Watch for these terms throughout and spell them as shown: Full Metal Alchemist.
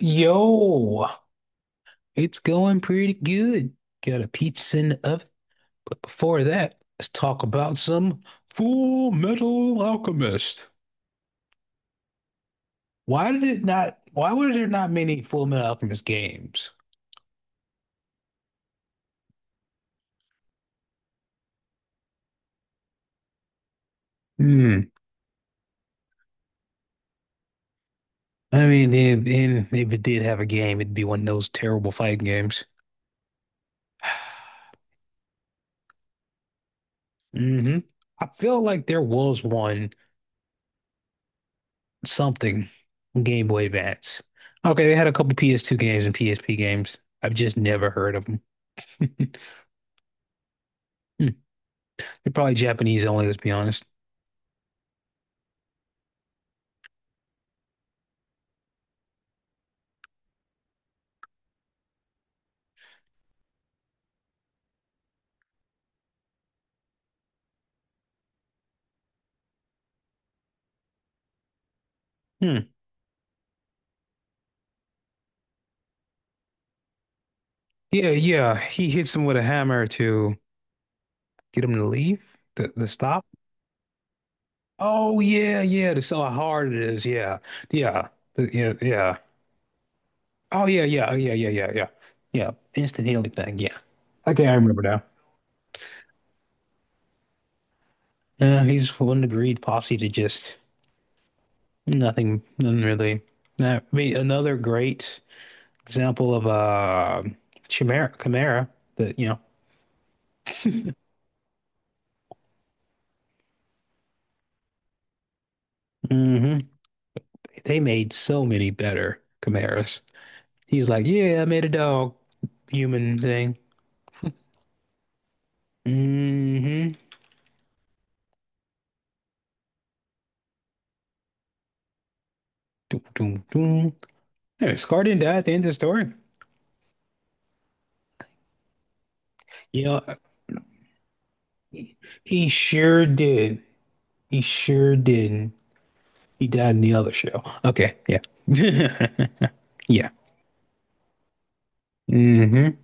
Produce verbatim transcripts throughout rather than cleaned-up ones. Yo, it's going pretty good. Got a pizza in the oven, but before that, let's talk about some Full Metal Alchemist. Why did it not, why were there not many Full Metal Alchemist games? Hmm. I mean, if and if it did have a game, it'd be one of those terrible fighting games. Hmm. I feel like there was one something on Game Boy Advance. Okay, they had a couple P S two games and P S P games. I've just never heard of them. They're probably Japanese only, let's be honest. Hmm. Yeah, yeah. He hits him with a hammer to get him to leave, the the stop. Oh yeah, yeah. To sell how hard it is. Yeah, yeah, The- yeah, yeah. Oh yeah, yeah, oh, yeah, yeah, yeah, yeah, yeah. Instant healing thing. Yeah. Okay, I remember now. Yeah, he's one agreed posse to just nothing, nothing really. Now, I mean, another great example of uh, Chimera, Chimera. That you know, Hmm. They made so many better Chimeras. He's like, yeah, I made a dog human thing. Mm-hmm. Doom, doom, doom. Anyway, Scar didn't die at the end of the story. You know, he, he sure did. He sure didn't. He died in the other show. Okay, yeah. Yeah. Mm-hmm.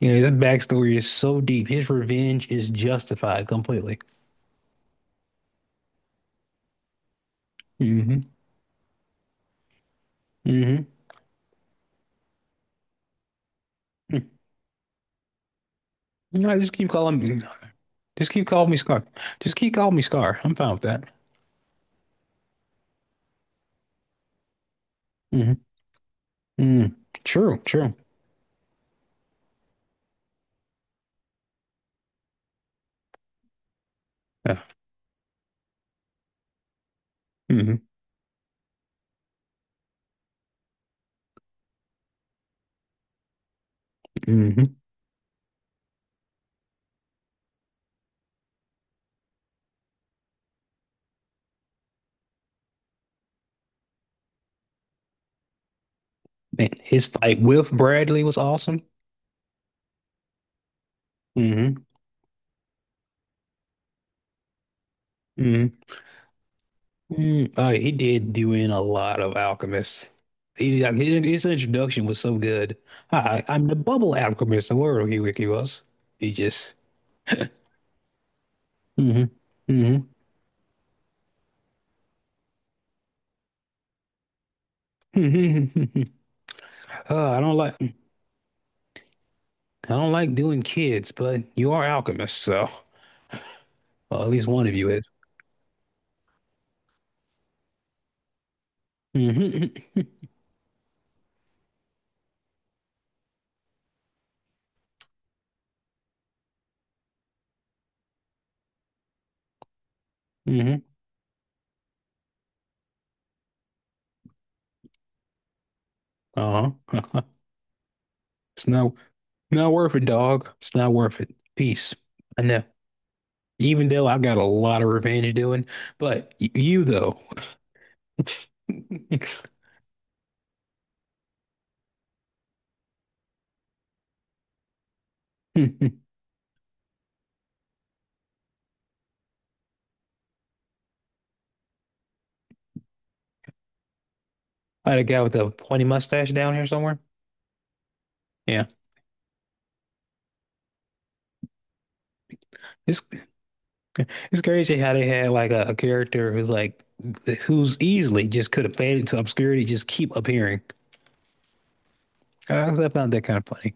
You know, his backstory is so deep. His revenge is justified completely. Mm-hmm. Mm-hmm. No, just keep calling me. Just keep calling me Scar. Just keep calling me Scar. I'm fine with that. Mm-hmm. Mm. True, true. Yeah. hmm hmm Man, his fight with Bradley was awesome. Hmm hmm Mm, uh, he did do in a lot of alchemists. He, like, his, his introduction was so good. I, I'm the bubble alchemist, the world he, he was. He just. Hmm hmm hmm uh, I don't like I don't like doing kids, but you are alchemists, so well, at least one of you is. Hmm hmm Uh-huh. It's not not worth it, dog. It's not worth it. Peace. I know. Even though I've got a lot of revenge doing, but y- you though, I had a guy with a pointy mustache down here somewhere. Yeah, it's it's crazy how they had like a, a character who's like who's easily just could have faded to obscurity, just keep appearing. I, I found that kind of funny.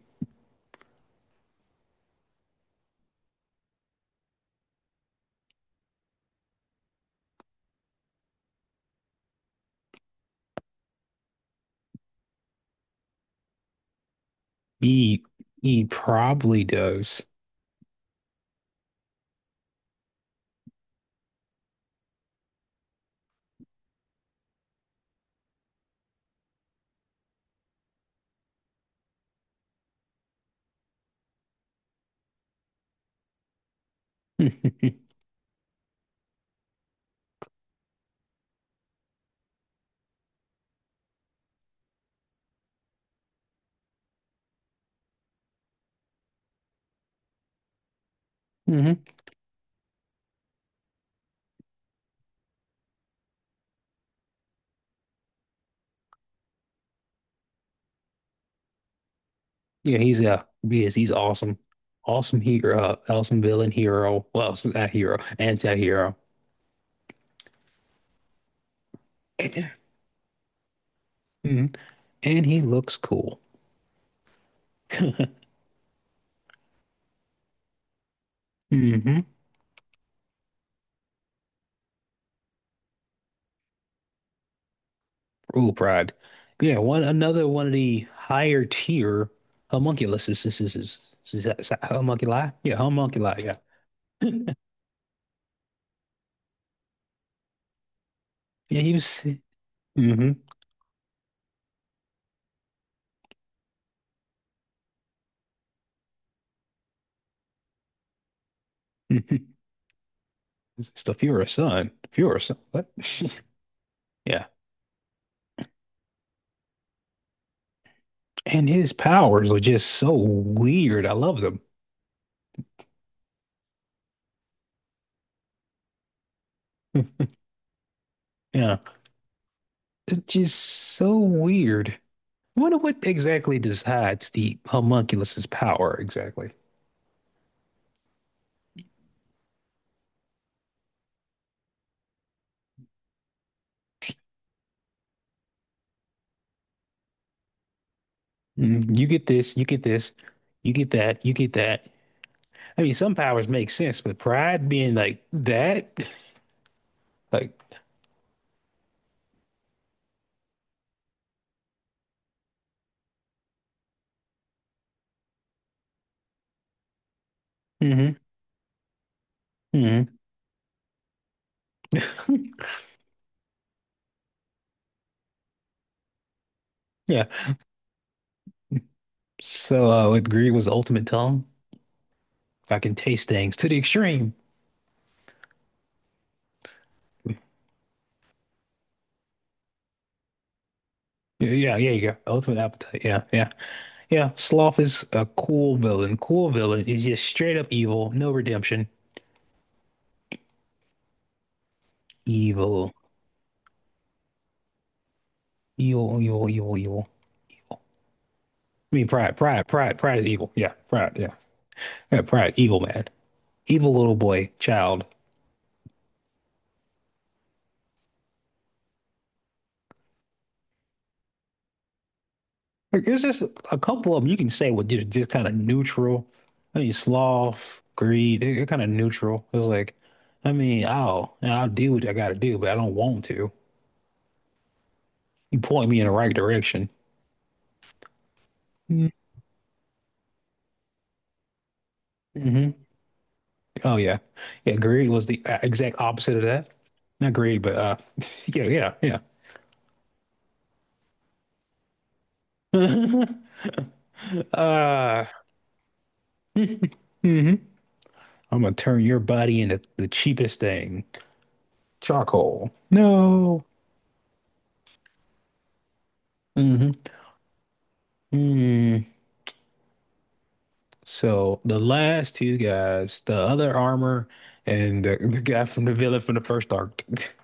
He he probably does. hmm Yeah, he's uh yes, he's awesome, awesome hero, awesome villain hero. Well, not hero, anti-hero. Mhm. And he looks cool. hmm Ooh, pride. Yeah, one another one of the higher tier homunculus is, is, is, is, is that, is that homunculi? Yeah, homunculi, yeah. Yeah, he was. Hmm hmm It's the Fuhrer son. Fuhrer son. What? Yeah. And his powers are just so weird. I love them. Yeah. It's just so weird. I wonder what exactly decides the homunculus's power exactly. Mm, you get this, you get this, you get that, you get that. I mean, some powers make sense, but pride being like that, like. Hmm hmm Yeah. So, uh, with greed was the ultimate tongue. I can taste things to the extreme. Yeah, yeah, yeah, you go. Ultimate appetite. Yeah, yeah, yeah. Sloth is a cool villain. Cool villain is just straight up evil, no redemption. Evil, evil, evil, evil, evil. I mean, pride, pride, pride, pride is evil. Yeah, pride. Yeah, yeah, pride. Evil man. Evil little boy, child. Like, there's just a couple of them you can say were just, just kind of neutral. I mean, sloth, greed, they- they're kind of neutral. It's like, I mean, I'll I'll do what I gotta do, but I don't want to. You point me in the right direction. Mm-hmm. Oh yeah, yeah. Greed was the uh, exact opposite of that. Not greed, but uh, yeah, yeah, yeah. Uh. hmm I'm gonna turn your body into the cheapest thing, charcoal. No. Mm-hmm. Mm. So the last two guys, the other armor and the, the guy from the villain from the first arc.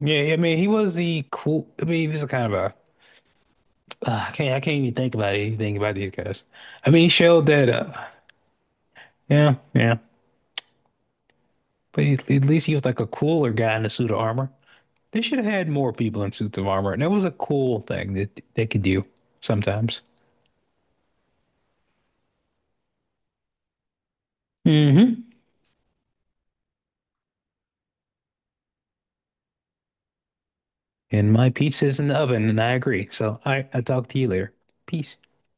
Yeah, I mean he was the cool. I mean he was kind of a. Uh, I can't. I can't even think about anything about these guys. I mean he showed that. Uh, yeah, yeah. But he, at least he was like a cooler guy in the suit of armor. They should have had more people in suits of armor, and that was a cool thing that they could do sometimes. Hmm And my pizza's in the oven, and I agree. So I I talk to you later. Peace.